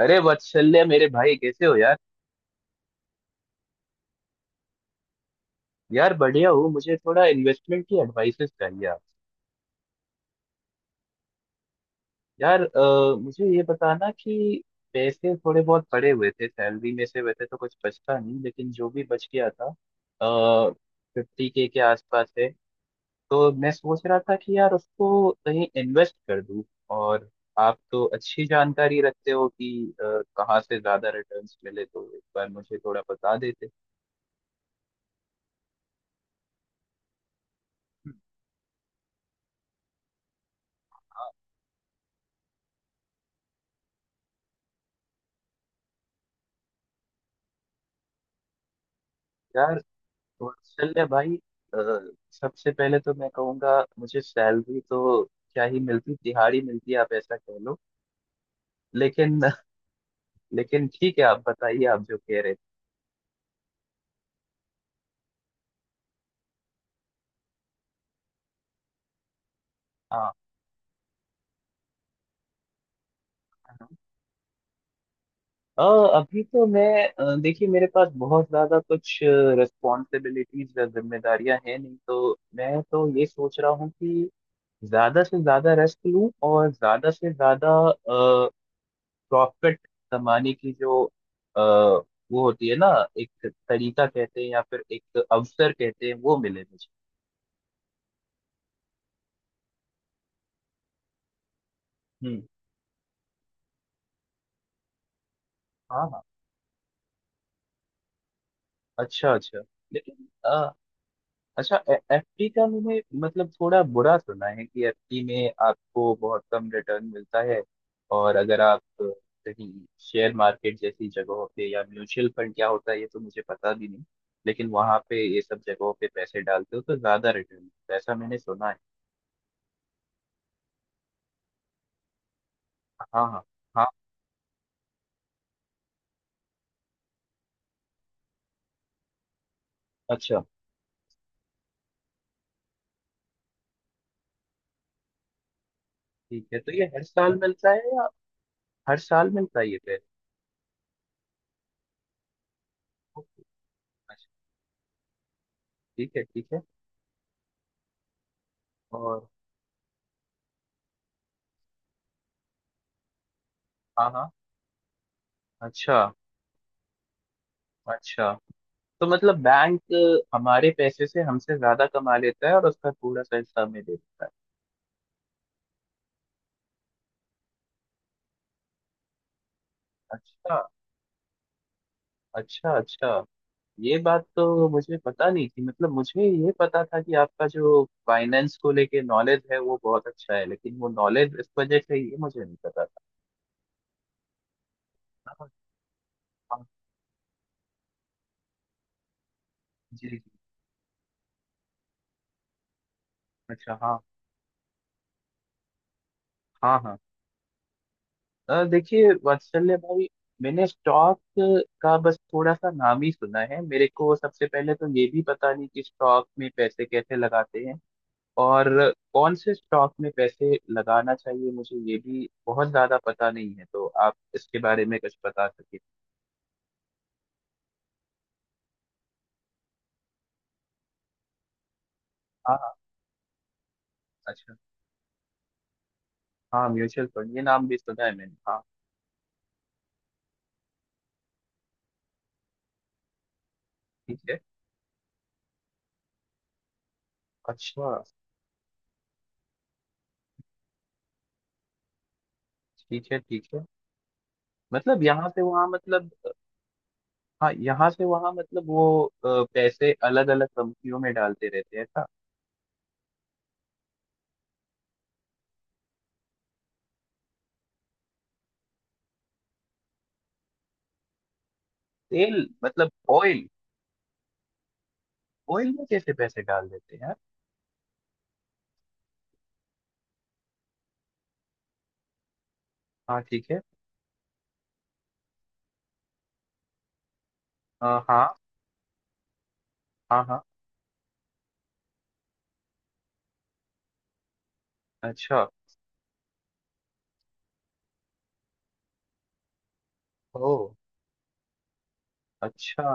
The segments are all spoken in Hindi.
अरे वत्सल्य, मेरे भाई, कैसे हो यार? यार बढ़िया हो। मुझे थोड़ा इन्वेस्टमेंट की एडवाइसेस चाहिए आप। यार, मुझे ये बताना कि पैसे थोड़े बहुत पड़े हुए थे। सैलरी में से वैसे तो कुछ बचता नहीं, लेकिन जो भी बच गया था, 50 के आसपास है। तो मैं सोच रहा था कि यार उसको कहीं इन्वेस्ट कर दूं। और आप तो अच्छी जानकारी रखते हो कि कहाँ से ज्यादा रिटर्न्स मिले, तो एक बार मुझे थोड़ा बता देते। हम्म। यार, कौशल्य भाई, अ, सबसे पहले तो मैं कहूँगा, मुझे सैलरी तो क्या ही मिलती, दिहाड़ी मिलती है, आप ऐसा कह लो। लेकिन लेकिन ठीक है, आप बताइए, आप जो कह रहे थे। हाँ हाँ। अ, अभी तो मैं, देखिए, मेरे पास बहुत ज्यादा कुछ रिस्पॉन्सिबिलिटीज या जिम्मेदारियां हैं नहीं, तो मैं तो ये सोच रहा हूँ कि ज्यादा से ज्यादा रेस्ट लूं और ज्यादा से ज्यादा प्रॉफिट कमाने की जो अ, वो होती है ना, एक तरीका कहते हैं या फिर एक अवसर कहते हैं, वो मिले मुझे। हम्म। हाँ हाँ। अच्छा अच्छा। लेकिन अच्छा, एफडी का मैंने मतलब थोड़ा बुरा सुना है कि एफडी में आपको बहुत कम रिटर्न मिलता है। और अगर आप कहीं शेयर मार्केट जैसी जगहों पे या म्यूचुअल फंड, क्या होता है ये तो मुझे पता भी नहीं, लेकिन वहां पे, ये सब जगहों पे पैसे डालते हो तो ज्यादा रिटर्न मिलता है, ऐसा मैंने सुना है। हाँ हाँ हाँ। अच्छा। ठीक है, तो ये हर साल मिलता है या? हर साल मिलता है ये पेड़? अच्छा। ठीक है ठीक है। और? हाँ हाँ। अच्छा अच्छा, तो मतलब बैंक हमारे पैसे से हमसे ज्यादा कमा लेता है और उसका थोड़ा सा हिस्सा हमें दे देता है। अच्छा। अच्छा अच्छा। ये बात तो मुझे पता नहीं थी, मतलब मुझे ये पता था कि आपका जो फाइनेंस को लेके नॉलेज है वो बहुत अच्छा है, लेकिन वो नॉलेज इस वजह से, ये मुझे नहीं पता था। हाँ हाँ। जी जी। अच्छा। हाँ हाँ हाँ। देखिए वात्सल्य भाई, मैंने स्टॉक का बस थोड़ा सा नाम ही सुना है। मेरे को सबसे पहले तो ये भी पता नहीं कि स्टॉक में पैसे कैसे लगाते हैं, और कौन से स्टॉक में पैसे लगाना चाहिए, मुझे ये भी बहुत ज्यादा पता नहीं है, तो आप इसके बारे में कुछ बता सके? हाँ हाँ। अच्छा, हाँ, म्यूचुअल फंड, ये नाम भी सुना है मैंने, हाँ। ठीक है। अच्छा। ठीक है ठीक है। मतलब यहाँ से वहाँ मतलब, हाँ, यहाँ से वहाँ मतलब वो पैसे अलग अलग कंपनियों में डालते रहते हैं? तेल मतलब ऑयल? ऑयल में कैसे पैसे डाल देते हैं यार? हाँ ठीक है। हाँ हाँ हाँ हाँ। अच्छा। ओ, अच्छा,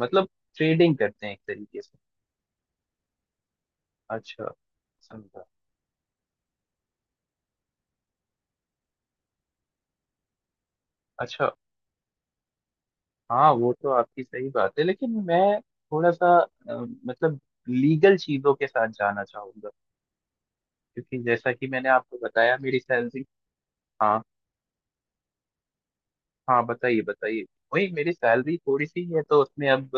मतलब ट्रेडिंग करते हैं एक तरीके से। अच्छा, समझा। अच्छा, हाँ, वो तो आपकी सही बात है, लेकिन मैं थोड़ा सा मतलब लीगल चीजों के साथ जाना चाहूंगा, क्योंकि जैसा कि मैंने आपको बताया, मेरी सैलरी... हाँ हाँ, बताइए, बताइए। वही, मेरी सैलरी थोड़ी सी है, तो उसमें अब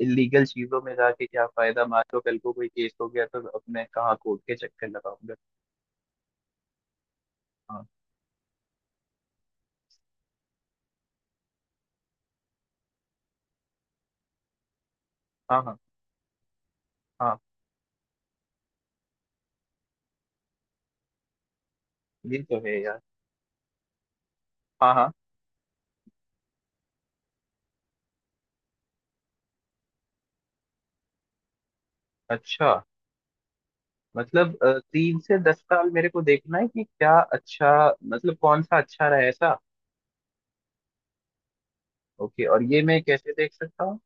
इलीगल चीजों में जाके क्या फायदा? मान लो कल को कोई केस हो गया, तो अब मैं कहाँ कोर्ट के चक्कर लगाऊंगा। हाँ हाँ हाँ हाँ। ये तो है यार। हाँ हाँ। अच्छा, मतलब 3 से 10 साल मेरे को देखना है कि क्या अच्छा, मतलब कौन सा अच्छा रहा, ऐसा? ओके, और ये मैं कैसे देख सकता हूँ?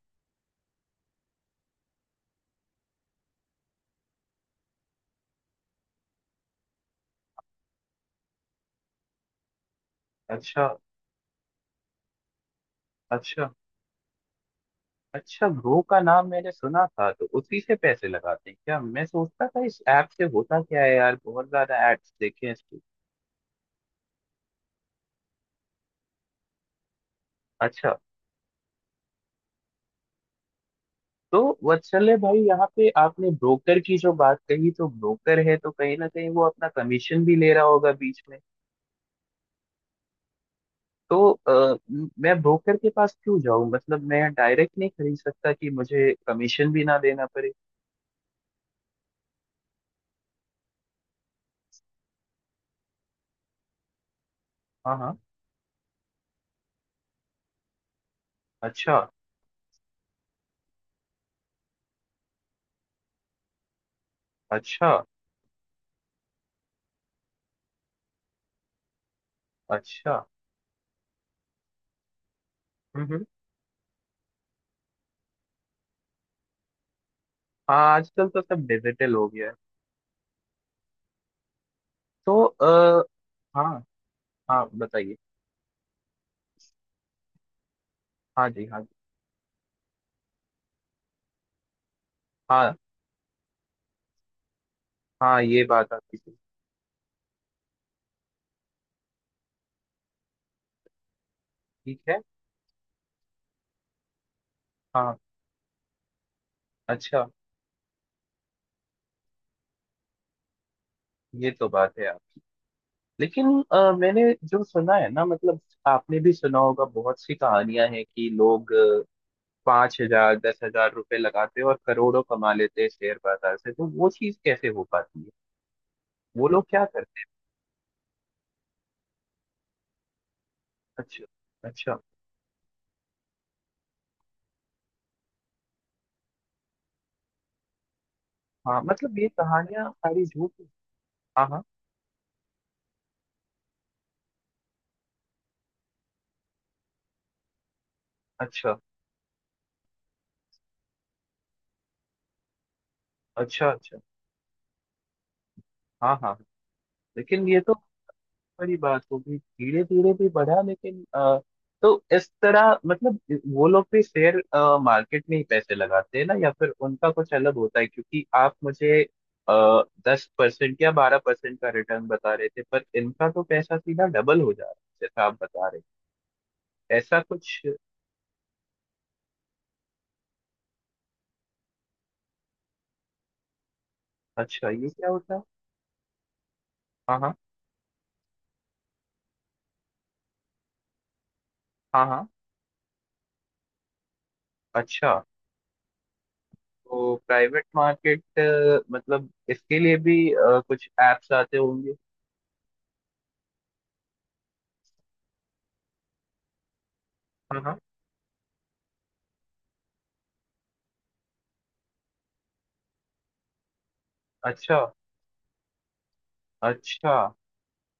अच्छा अच्छा। अच्छा, ग्रो का नाम मैंने सुना था, तो उसी से पैसे लगाते हैं क्या? मैं सोचता था इस ऐप से होता क्या है यार, बहुत ज्यादा एड्स देखे हैं इसके। अच्छा। तो वत्सल्य भाई, यहाँ पे आपने ब्रोकर की जो बात कही, तो ब्रोकर है तो कहीं ना कहीं वो अपना कमीशन भी ले रहा होगा बीच में, तो मैं ब्रोकर के पास क्यों जाऊं, मतलब मैं डायरेक्ट नहीं खरीद सकता कि मुझे कमीशन भी ना देना पड़े? हाँ हाँ। अच्छा अच्छा। अच्छा। हम्म हम्म। हाँ, आजकल तो सब डिजिटल हो गया है। तो हाँ हाँ बताइए, हाँ जी, हाँ जी। हाँ हाँ, ये बात आपकी ठीक है। हाँ। अच्छा, ये तो बात है आप, लेकिन मैंने जो सुना है ना, मतलब आपने भी सुना होगा, बहुत सी कहानियां हैं कि लोग 5,000, 10,000 रुपए लगाते हैं और करोड़ों कमा लेते हैं शेयर बाजार से, तो वो चीज कैसे हो पाती है? वो लोग क्या करते हैं? अच्छा अच्छा। हाँ, मतलब ये कहानियां सारी झूठ है? हाँ हाँ। अच्छा अच्छा अच्छा। हाँ हाँ हाँ। लेकिन ये तो बड़ी बात होगी, धीरे धीरे भी बढ़ा, लेकिन तो इस तरह मतलब वो लोग भी शेयर मार्केट में ही पैसे लगाते हैं ना, या फिर उनका कुछ अलग होता है? क्योंकि आप मुझे 10% या 12% का रिटर्न बता रहे थे, पर इनका तो पैसा सीधा डबल हो जा रहा है जैसा आप बता रहे हैं, ऐसा कुछ? अच्छा, ये क्या होता है? हाँ हाँ हाँ हाँ। अच्छा, तो प्राइवेट मार्केट मतलब, इसके लिए भी कुछ एप्स आते होंगे? हाँ हाँ। अच्छा अच्छा।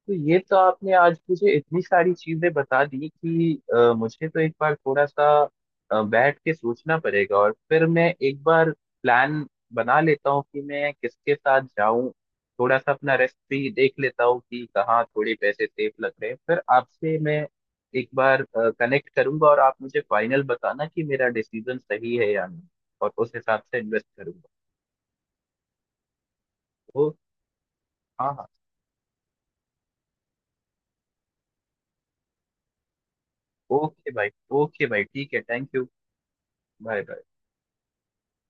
तो ये तो आपने आज मुझे इतनी सारी चीजें बता दी कि मुझे तो एक बार थोड़ा सा बैठ के सोचना पड़ेगा, और फिर मैं एक बार प्लान बना लेता हूँ कि मैं किसके साथ जाऊं, थोड़ा सा अपना रेस्ट भी देख लेता हूँ कि कहाँ थोड़े पैसे सेफ लग रहे हैं, फिर आपसे मैं एक बार कनेक्ट करूंगा, और आप मुझे फाइनल बताना कि मेरा डिसीजन सही है या नहीं, और उस हिसाब से इन्वेस्ट करूंगा। ओ। हाँ हाँ। ओके भाई। ओके भाई, ठीक है, थैंक यू। Bye bye.